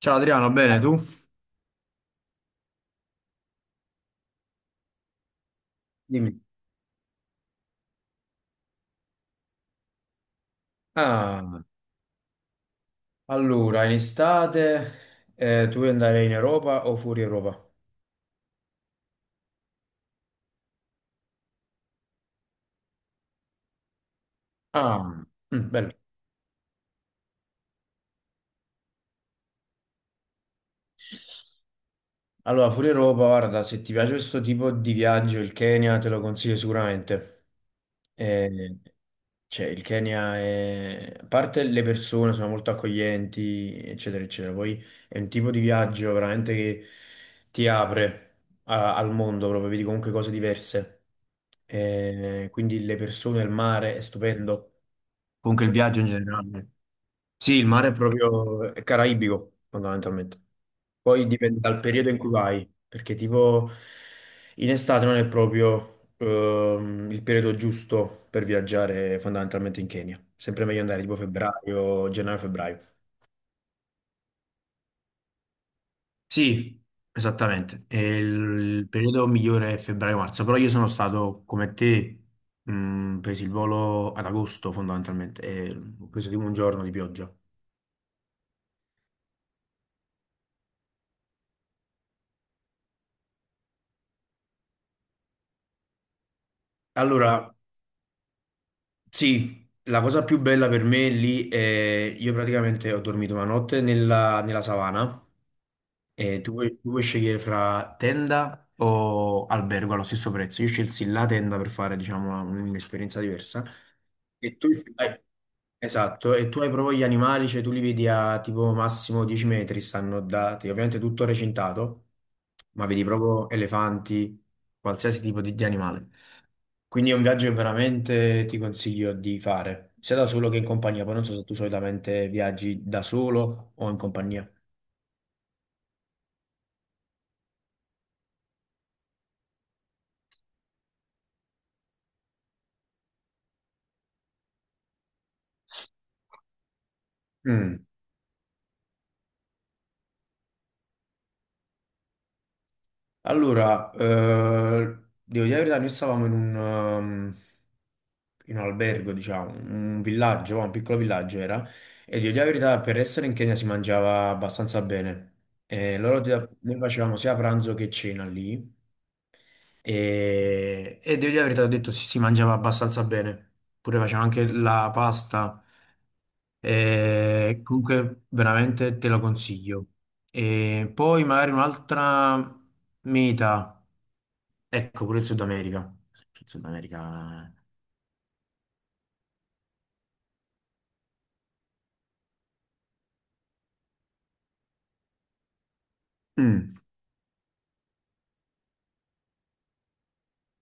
Ciao Adriano, bene tu? Dimmi. Ah, allora, in estate tu vuoi andare in Europa o fuori Europa? Ah, mm, bello. Allora, fuori Europa, guarda, se ti piace questo tipo di viaggio, il Kenya te lo consiglio sicuramente. Eh, Cioè, il Kenya è... A parte le persone sono molto accoglienti, eccetera, eccetera. Poi è un tipo di viaggio veramente che ti apre al mondo, proprio vedi comunque cose diverse. Quindi le persone, il mare è stupendo. Comunque il viaggio in generale. Sì, il mare è proprio è caraibico, fondamentalmente. Poi dipende dal periodo in cui vai, perché tipo in estate non è proprio il periodo giusto per viaggiare fondamentalmente in Kenya. Sempre meglio andare tipo febbraio, gennaio-febbraio. Sì, esattamente. E il periodo migliore è febbraio-marzo, però io sono stato come te, presi il volo ad agosto fondamentalmente e ho preso tipo un giorno di pioggia. Allora, sì, la cosa più bella per me lì è io praticamente ho dormito una notte nella savana e tu puoi scegliere fra tenda o albergo allo stesso prezzo. Io scelsi la tenda per fare, diciamo, un'esperienza diversa. E tu hai- esatto, e tu hai proprio gli animali, cioè tu li vedi a tipo massimo 10 metri, stanno dati, ovviamente tutto recintato, ma vedi proprio elefanti, qualsiasi tipo di animale. Quindi è un viaggio che veramente ti consiglio di fare, sia da solo che in compagnia. Poi non so se tu solitamente viaggi da solo o in compagnia. Mm. Allora, devo dire la verità, noi stavamo in un albergo, diciamo, un villaggio, un piccolo villaggio era, e devo dire la verità, per essere in Kenya si mangiava abbastanza bene. E noi facevamo sia pranzo che cena lì, e devo dire la verità, ho detto si mangiava abbastanza bene. Pure facevano anche la pasta. E comunque veramente te lo consiglio. E poi magari un'altra meta. Ecco, pure il Sud America. Il Sud America. Mm,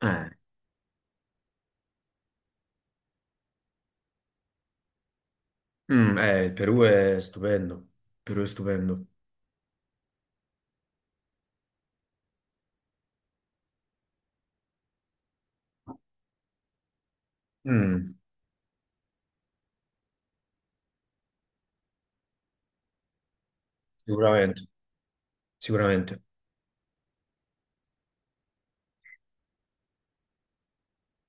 eh, mm, il Perù è stupendo. Il Perù è stupendo. Mm, sicuramente, sicuramente.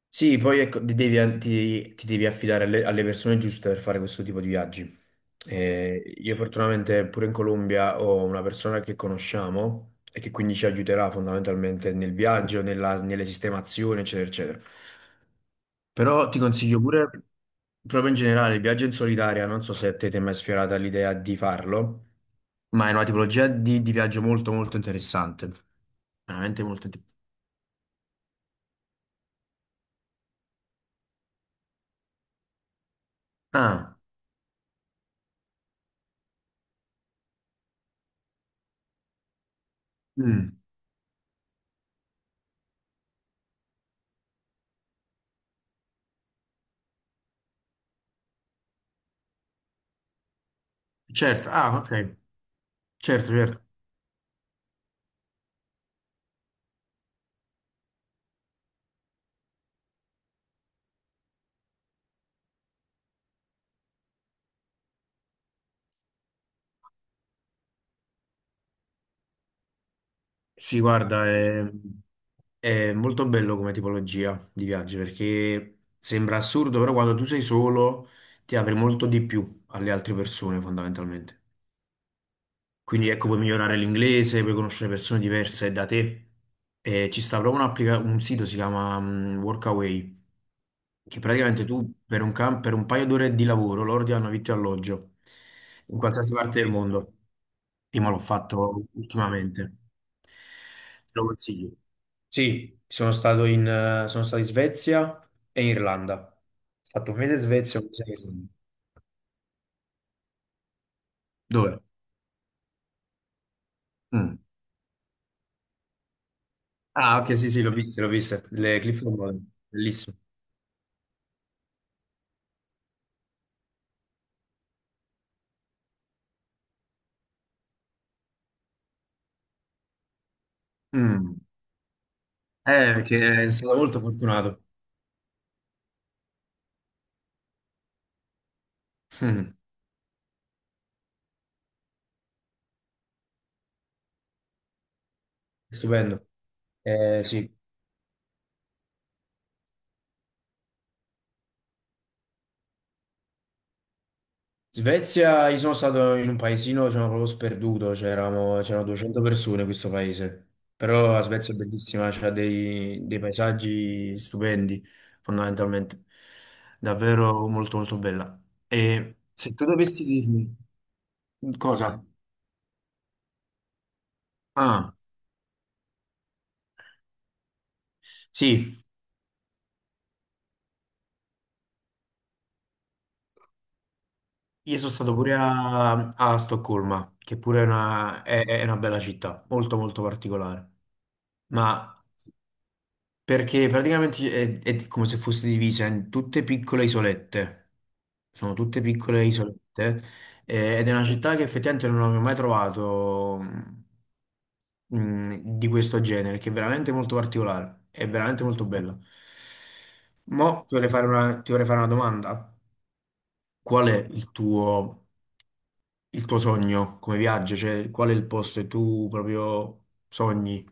Sì, poi ecco, ti devi affidare alle persone giuste per fare questo tipo di viaggi. Io fortunatamente pure in Colombia ho una persona che conosciamo e che quindi ci aiuterà fondamentalmente nel viaggio, nelle sistemazioni, eccetera, eccetera. Però ti consiglio pure, proprio in generale, il viaggio in solitaria, non so se a te ti è mai sfiorata l'idea di farlo, ma è una tipologia di viaggio molto molto interessante. Veramente molto interessante. Ah, mm, certo, ah, ok. Certo, certo. Sì, guarda, è molto bello come tipologia di viaggio perché sembra assurdo, però quando tu sei solo ti apri molto di più alle altre persone, fondamentalmente. Quindi ecco, puoi migliorare l'inglese, puoi conoscere persone diverse da te. E ci sta proprio un sito, si chiama Workaway, che praticamente tu per per un paio d'ore di lavoro loro ti hanno vitto e alloggio in qualsiasi parte del mondo. Io me l'ho fatto ultimamente. Te lo consiglio. Sì, sono stato sono stato in Svezia e in Irlanda. Ho fatto un mese in Svezia e un mese in Irlanda. Dove? Ah, ok, sì, sì, l'ho viste, l'ho viste. Le Clifford Model, bellissimo. Mm. Che è stato molto fortunato. Mm. Stupendo. Sì. Svezia, io sono stato in un paesino, sono proprio sperduto, c'erano 200 persone in questo paese. Però la Svezia è bellissima, c'ha dei paesaggi stupendi, fondamentalmente. Davvero molto, molto bella. E se tu dovessi dirmi cosa? Ah, sì, io sono stato pure a Stoccolma, che pure è è una bella città, molto molto particolare. Ma perché praticamente è come se fosse divisa in tutte piccole isolette. Sono tutte piccole isolette. Eh, ed è una città che effettivamente non avevo mai trovato mm, di questo genere, che è veramente molto particolare. È veramente molto bella. Mo' ti vorrei fare ti vorrei fare una domanda. Qual è il tuo Il tuo sogno come viaggio, cioè qual è il posto che tu proprio sogni?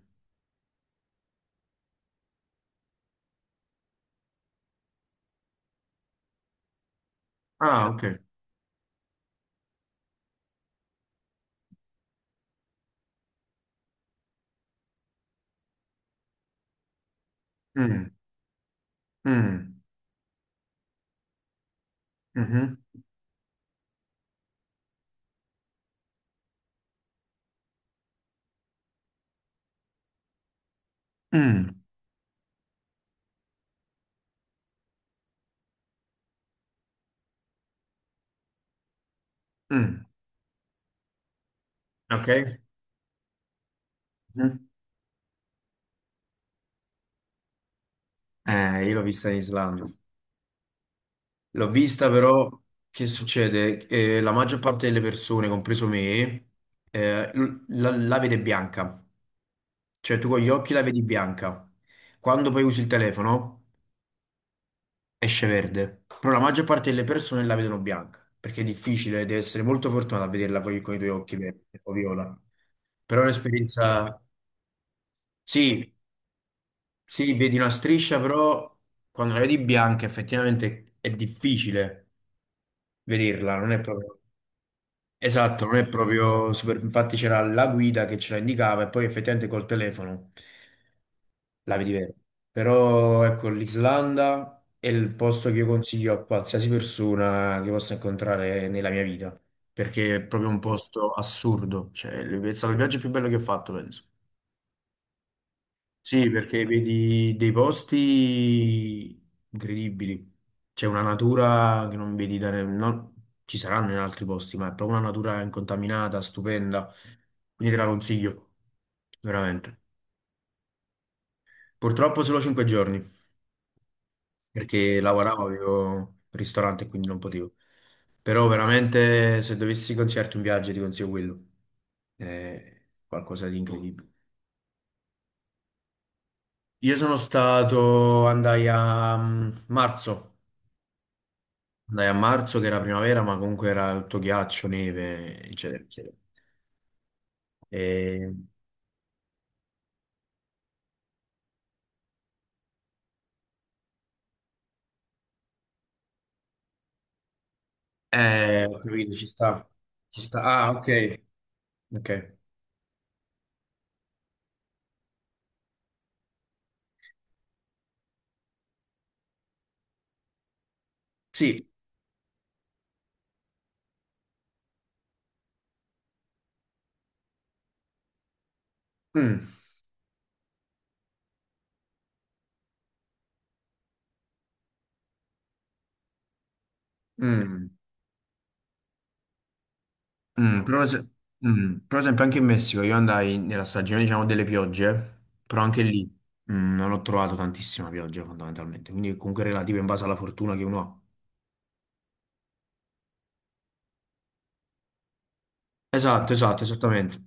Ah, ok. Mm, mm, mhm, mm, mm. Ok. Mhm. Io l'ho vista in Islanda. L'ho vista però, che succede? La maggior parte delle persone, compreso me, la, la vede bianca. Cioè tu con gli occhi la vedi bianca. Quando poi usi il telefono... esce verde, però la maggior parte delle persone la vedono bianca, perché è difficile, devi essere molto fortunato a vederla poi con i tuoi occhi verdi o viola. Però è un'esperienza, sì, sì, vedi una striscia, però quando la vedi bianca effettivamente è difficile vederla, non è proprio... Esatto, non è proprio super... Infatti c'era la guida che ce la indicava e poi effettivamente col telefono. La vedi vera. Però ecco, l'Islanda è il posto che io consiglio a qualsiasi persona che possa incontrare nella mia vita, perché è proprio un posto assurdo, cioè è stato il viaggio più bello che ho fatto, penso. Sì, perché vedi dei posti incredibili, c'è una natura che non vedi da... ci saranno in altri posti, ma è proprio una natura incontaminata, stupenda, quindi te la consiglio, veramente. Purtroppo solo 5 giorni. Perché lavoravo, avevo un ristorante, quindi non potevo. Però veramente se dovessi consigliarti un viaggio ti consiglio quello. È qualcosa di incredibile. Io sono stato, marzo, andai a marzo che era primavera, ma comunque era tutto ghiaccio, neve, eccetera, eccetera. E, ho capito, ci sta, ci sta. Ah, ok, ok. Sì, mm, mm. Mm, però, se- però sempre anche in Messico io andai nella stagione, diciamo, delle piogge, però anche lì non ho trovato tantissima pioggia fondamentalmente, quindi comunque relativo in base alla fortuna che uno ha. Esatto, esatto, esattamente.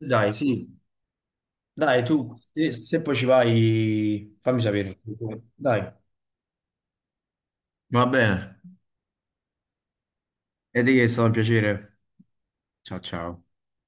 Dai, sì. Dai, se, se poi ci vai, fammi sapere. Dai. Va bene. E di che è stato un piacere. Ciao, ciao.